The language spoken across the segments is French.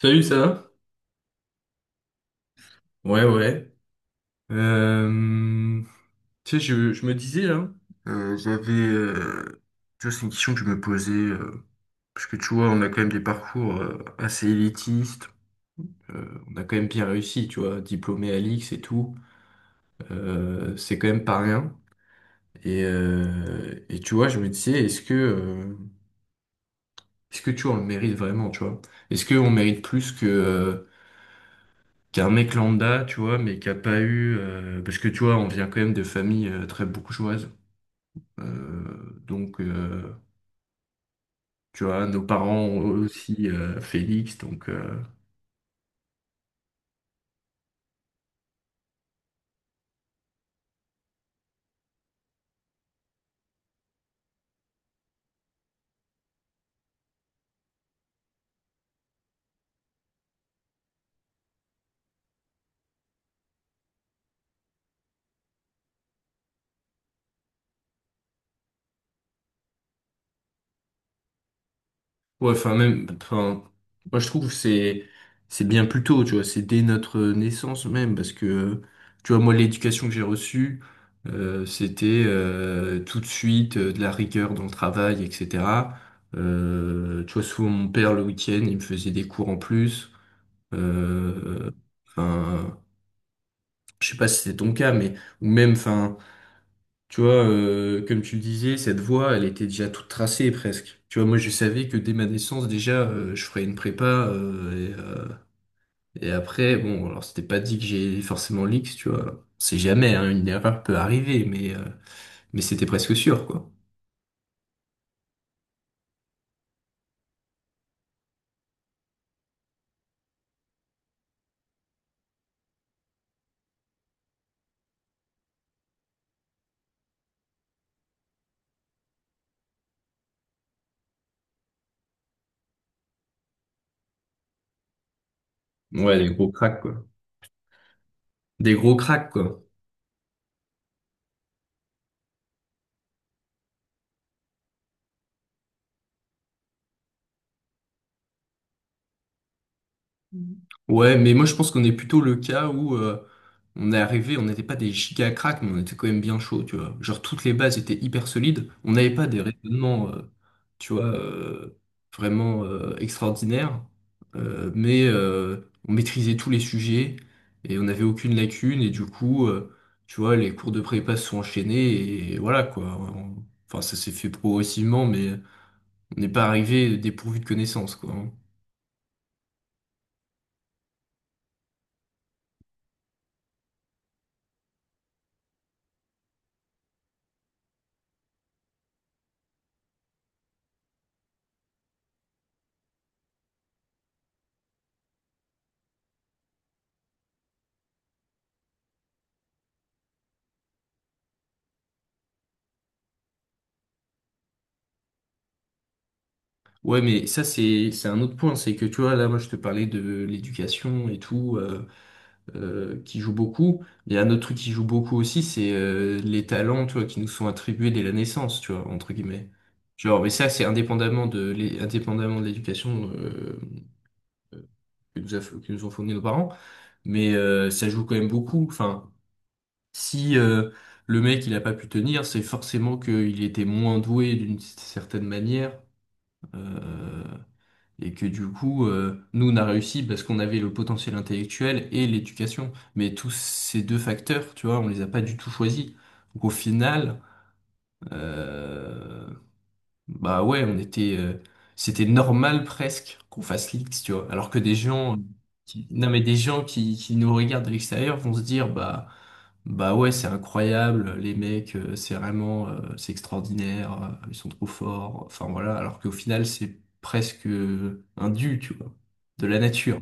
Salut, ça va? Ouais, ouais. Euh, Tu sais, je me disais là, j'avais, tu vois, c'est une question que je me posais, parce que tu vois, on a quand même des parcours assez élitistes. On a quand même bien réussi, tu vois, diplômé à l'IX et tout. C'est quand même pas rien. Et tu vois, je me disais, est-ce que tu vois, on le mérite vraiment, tu vois? Est-ce qu'on mérite plus que qu'un mec lambda, tu vois, mais qui a pas eu, parce que tu vois, on vient quand même de familles très bourgeoises. Euh, donc, tu vois, nos parents ont aussi Félix. Donc, ouais, enfin, même, enfin, moi, je trouve que c'est bien plus tôt, tu vois, c'est dès notre naissance même, parce que, tu vois, moi, l'éducation que j'ai reçue, c'était tout de suite de la rigueur dans le travail, etc. Tu vois, souvent, mon père, le week-end, il me faisait des cours en plus. Euh, Enfin, je sais pas si c'est ton cas, mais ou même, enfin. Tu vois, comme tu le disais, cette voie, elle était déjà toute tracée presque. Tu vois, moi, je savais que dès ma naissance, déjà, je ferais une prépa. Et après, bon, alors c'était pas dit que j'ai forcément l'X, tu vois. C'est jamais, hein, une erreur peut arriver, mais c'était presque sûr, quoi. Ouais, des gros cracks, quoi. Des gros cracks, quoi. Ouais, mais moi je pense qu'on est plutôt le cas où on est arrivé, on n'était pas des giga cracks, mais on était quand même bien chaud, tu vois. Genre toutes les bases étaient hyper solides, on n'avait pas des raisonnements, tu vois, vraiment extraordinaires. Mais on maîtrisait tous les sujets et on n'avait aucune lacune, et du coup, tu vois, les cours de prépa se sont enchaînés et voilà quoi. On- Enfin, ça s'est fait progressivement, mais on n'est pas arrivé dépourvu de connaissances, quoi, hein. Ouais, mais ça, c'est un autre point. C'est que, tu vois, là, moi, je te parlais de l'éducation et tout, qui joue beaucoup. Il y a un autre truc qui joue beaucoup aussi, c'est les talents, tu vois, qui nous sont attribués dès la naissance, tu vois, entre guillemets. Genre, mais ça, c'est indépendamment indépendamment de l'éducation que que nous ont fourni nos parents, mais ça joue quand même beaucoup. Enfin, si le mec il a pas pu tenir, c'est forcément qu'il était moins doué d'une certaine manière. Euh, Et que du coup, nous, on a réussi parce qu'on avait le potentiel intellectuel et l'éducation. Mais tous ces deux facteurs, tu vois, on les a pas du tout choisis. Donc au final, euh, bah ouais, on était, c'était normal presque qu'on fasse l'X, tu vois. Alors que des non mais des gens qui nous regardent de l'extérieur vont se dire, bah, bah ouais, c'est incroyable, les mecs, c'est vraiment, c'est extraordinaire, ils sont trop forts. Enfin voilà, alors qu'au final, c'est presque un dû, tu vois, de la nature.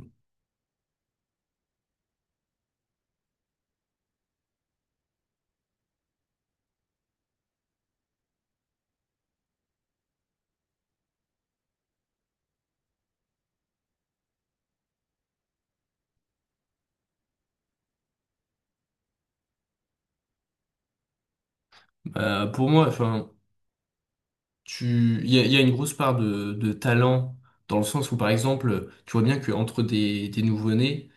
Pour moi, enfin, il y a une grosse part de talent dans le sens où, par exemple, tu vois bien qu'entre des nouveau-nés.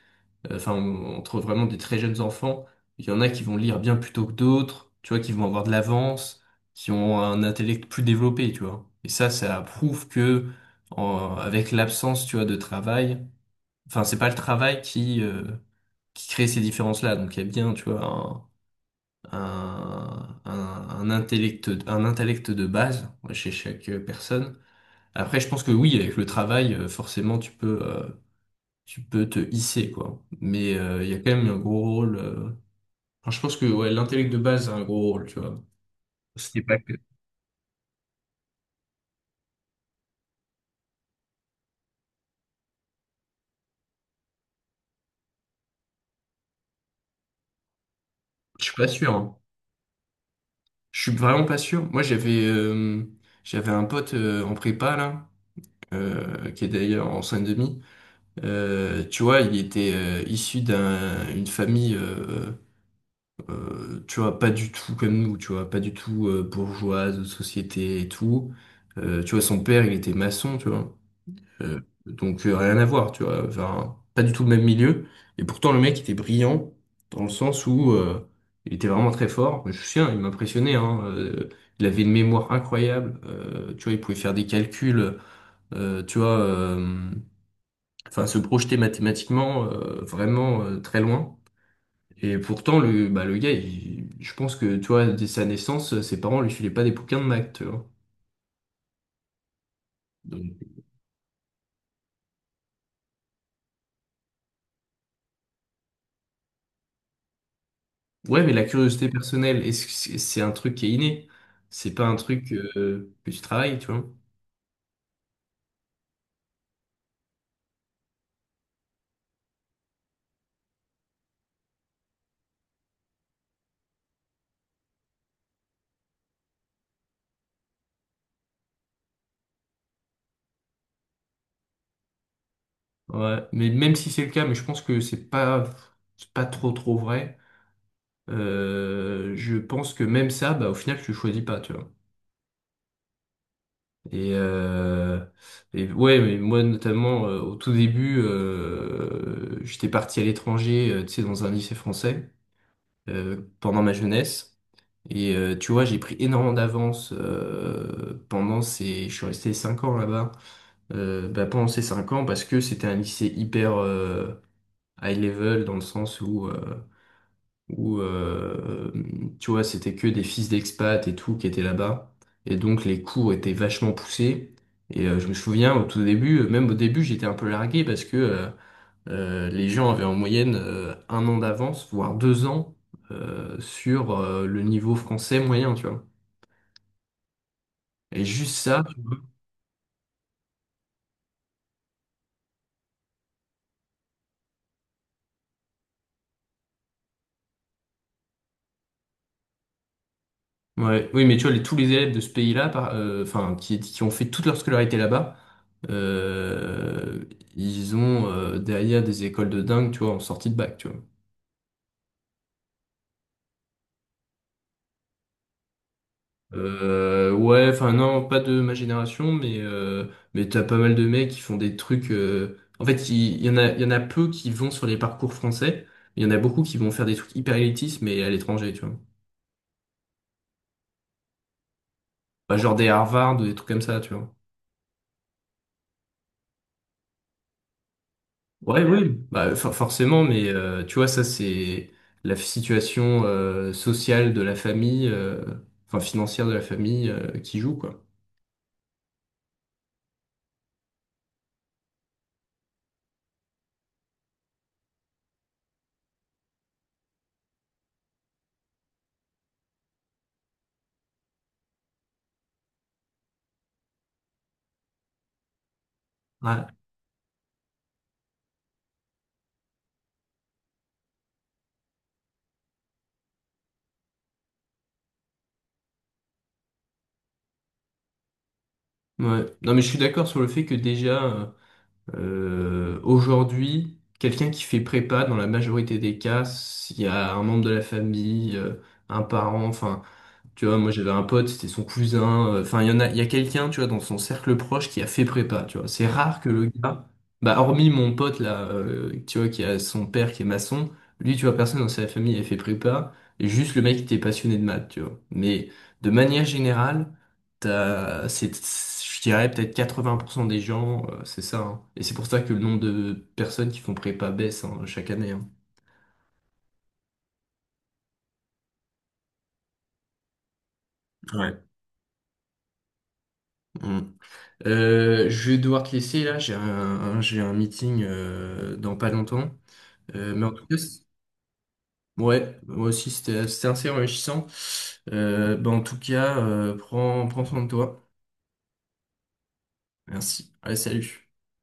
Enfin, entre vraiment des très jeunes enfants, il y en a qui vont lire bien plus tôt que d'autres, tu vois, qui vont avoir de l'avance, qui ont un intellect plus développé, tu vois. Et ça prouve que, avec l'absence, tu vois, de travail, enfin, c'est pas le travail qui crée ces différences-là. Donc, il y a bien, tu vois, un intellect de base chez chaque personne. Après, je pense que oui, avec le travail, forcément, tu peux. Tu peux te hisser, quoi. Mais il y a quand même un gros rôle. Enfin, je pense que ouais, l'intellect de base a un gros rôle, tu vois. C'était pas que. Je suis pas sûr, hein. Je suis vraiment pas sûr. Moi, j'avais un pote en prépa, là, qui est d'ailleurs en seine demi. Tu vois, il était issu d'un une famille, tu vois, pas du tout comme nous, tu vois, pas du tout bourgeoise, de société et tout. Tu vois, son père, il était maçon, tu vois. Euh, donc, rien à voir, tu vois. Enfin, pas du tout le même milieu. Et pourtant, le mec était brillant dans le sens où il était vraiment très fort. Je suis sûr, il m'impressionnait, hein. Il avait une mémoire incroyable. Tu vois, il pouvait faire des calculs. Tu vois, enfin, se projeter mathématiquement vraiment très loin. Et pourtant, le gars, je pense que, tu vois, dès sa naissance, ses parents lui filaient pas des bouquins de maths, tu vois. Ouais, mais la curiosité personnelle, est-ce que c'est un truc qui est inné? C'est pas un truc que tu travailles, tu vois? Ouais, mais même si c'est le cas, mais je pense que c'est pas trop trop vrai. Je pense que même ça, bah, au final, tu le choisis pas, tu vois. Et, euh, et ouais, mais moi notamment, au tout début, j'étais parti à l'étranger, tu sais, dans un lycée français pendant ma jeunesse. Et tu vois, j'ai pris énormément d'avance pendant ces... Je suis resté 5 ans là-bas. Bah, pendant ces 5 ans, parce que c'était un lycée hyper high level, dans le sens où, tu vois, c'était que des fils d'expat et tout qui étaient là-bas. Et donc, les cours étaient vachement poussés. Et je me souviens, au tout début, même au début, j'étais un peu largué parce que les gens avaient en moyenne 1 an d'avance, voire deux ans, sur le niveau français moyen, tu vois. Et juste ça, ouais. Oui, mais tu vois, tous les élèves de ce pays-là, enfin, qui ont fait toute leur scolarité là-bas, euh, ils ont derrière des écoles de dingue, tu vois, en sortie de bac, tu vois. Ouais, enfin non, pas de ma génération, mais t'as pas mal de mecs qui font des trucs. En fait, il y en a peu qui vont sur les parcours français. Il y en a beaucoup qui vont faire des trucs hyper élitistes, mais à l'étranger, tu vois. Bah, genre des Harvard, des trucs comme ça, tu vois. Ouais, oui, bah, forcément, mais tu vois, ça, c'est la situation sociale de la famille, enfin financière de la famille qui joue, quoi. Ouais. Ouais. Non, mais je suis d'accord sur le fait que déjà, aujourd'hui, quelqu'un qui fait prépa, dans la majorité des cas, s'il y a un membre de la famille, un parent, enfin, tu vois, moi j'avais un pote, c'était son cousin. Enfin, il y a quelqu'un, tu vois, dans son cercle proche qui a fait prépa, tu vois. C'est rare que le gars, bah, hormis mon pote là, tu vois, qui a son père qui est maçon, lui, tu vois, personne dans sa famille a fait prépa. Et juste le mec qui était passionné de maths, tu vois. Mais de manière générale, je dirais peut-être 80% des gens, c'est ça, hein. Et c'est pour ça que le nombre de personnes qui font prépa baisse, hein, chaque année, hein. Ouais. Mm. Je vais devoir te laisser là, j'ai un meeting dans pas longtemps. Mais en tout cas, ouais, moi aussi c'était assez enrichissant. Bah, en tout cas, prends soin de toi. Merci. Allez, salut.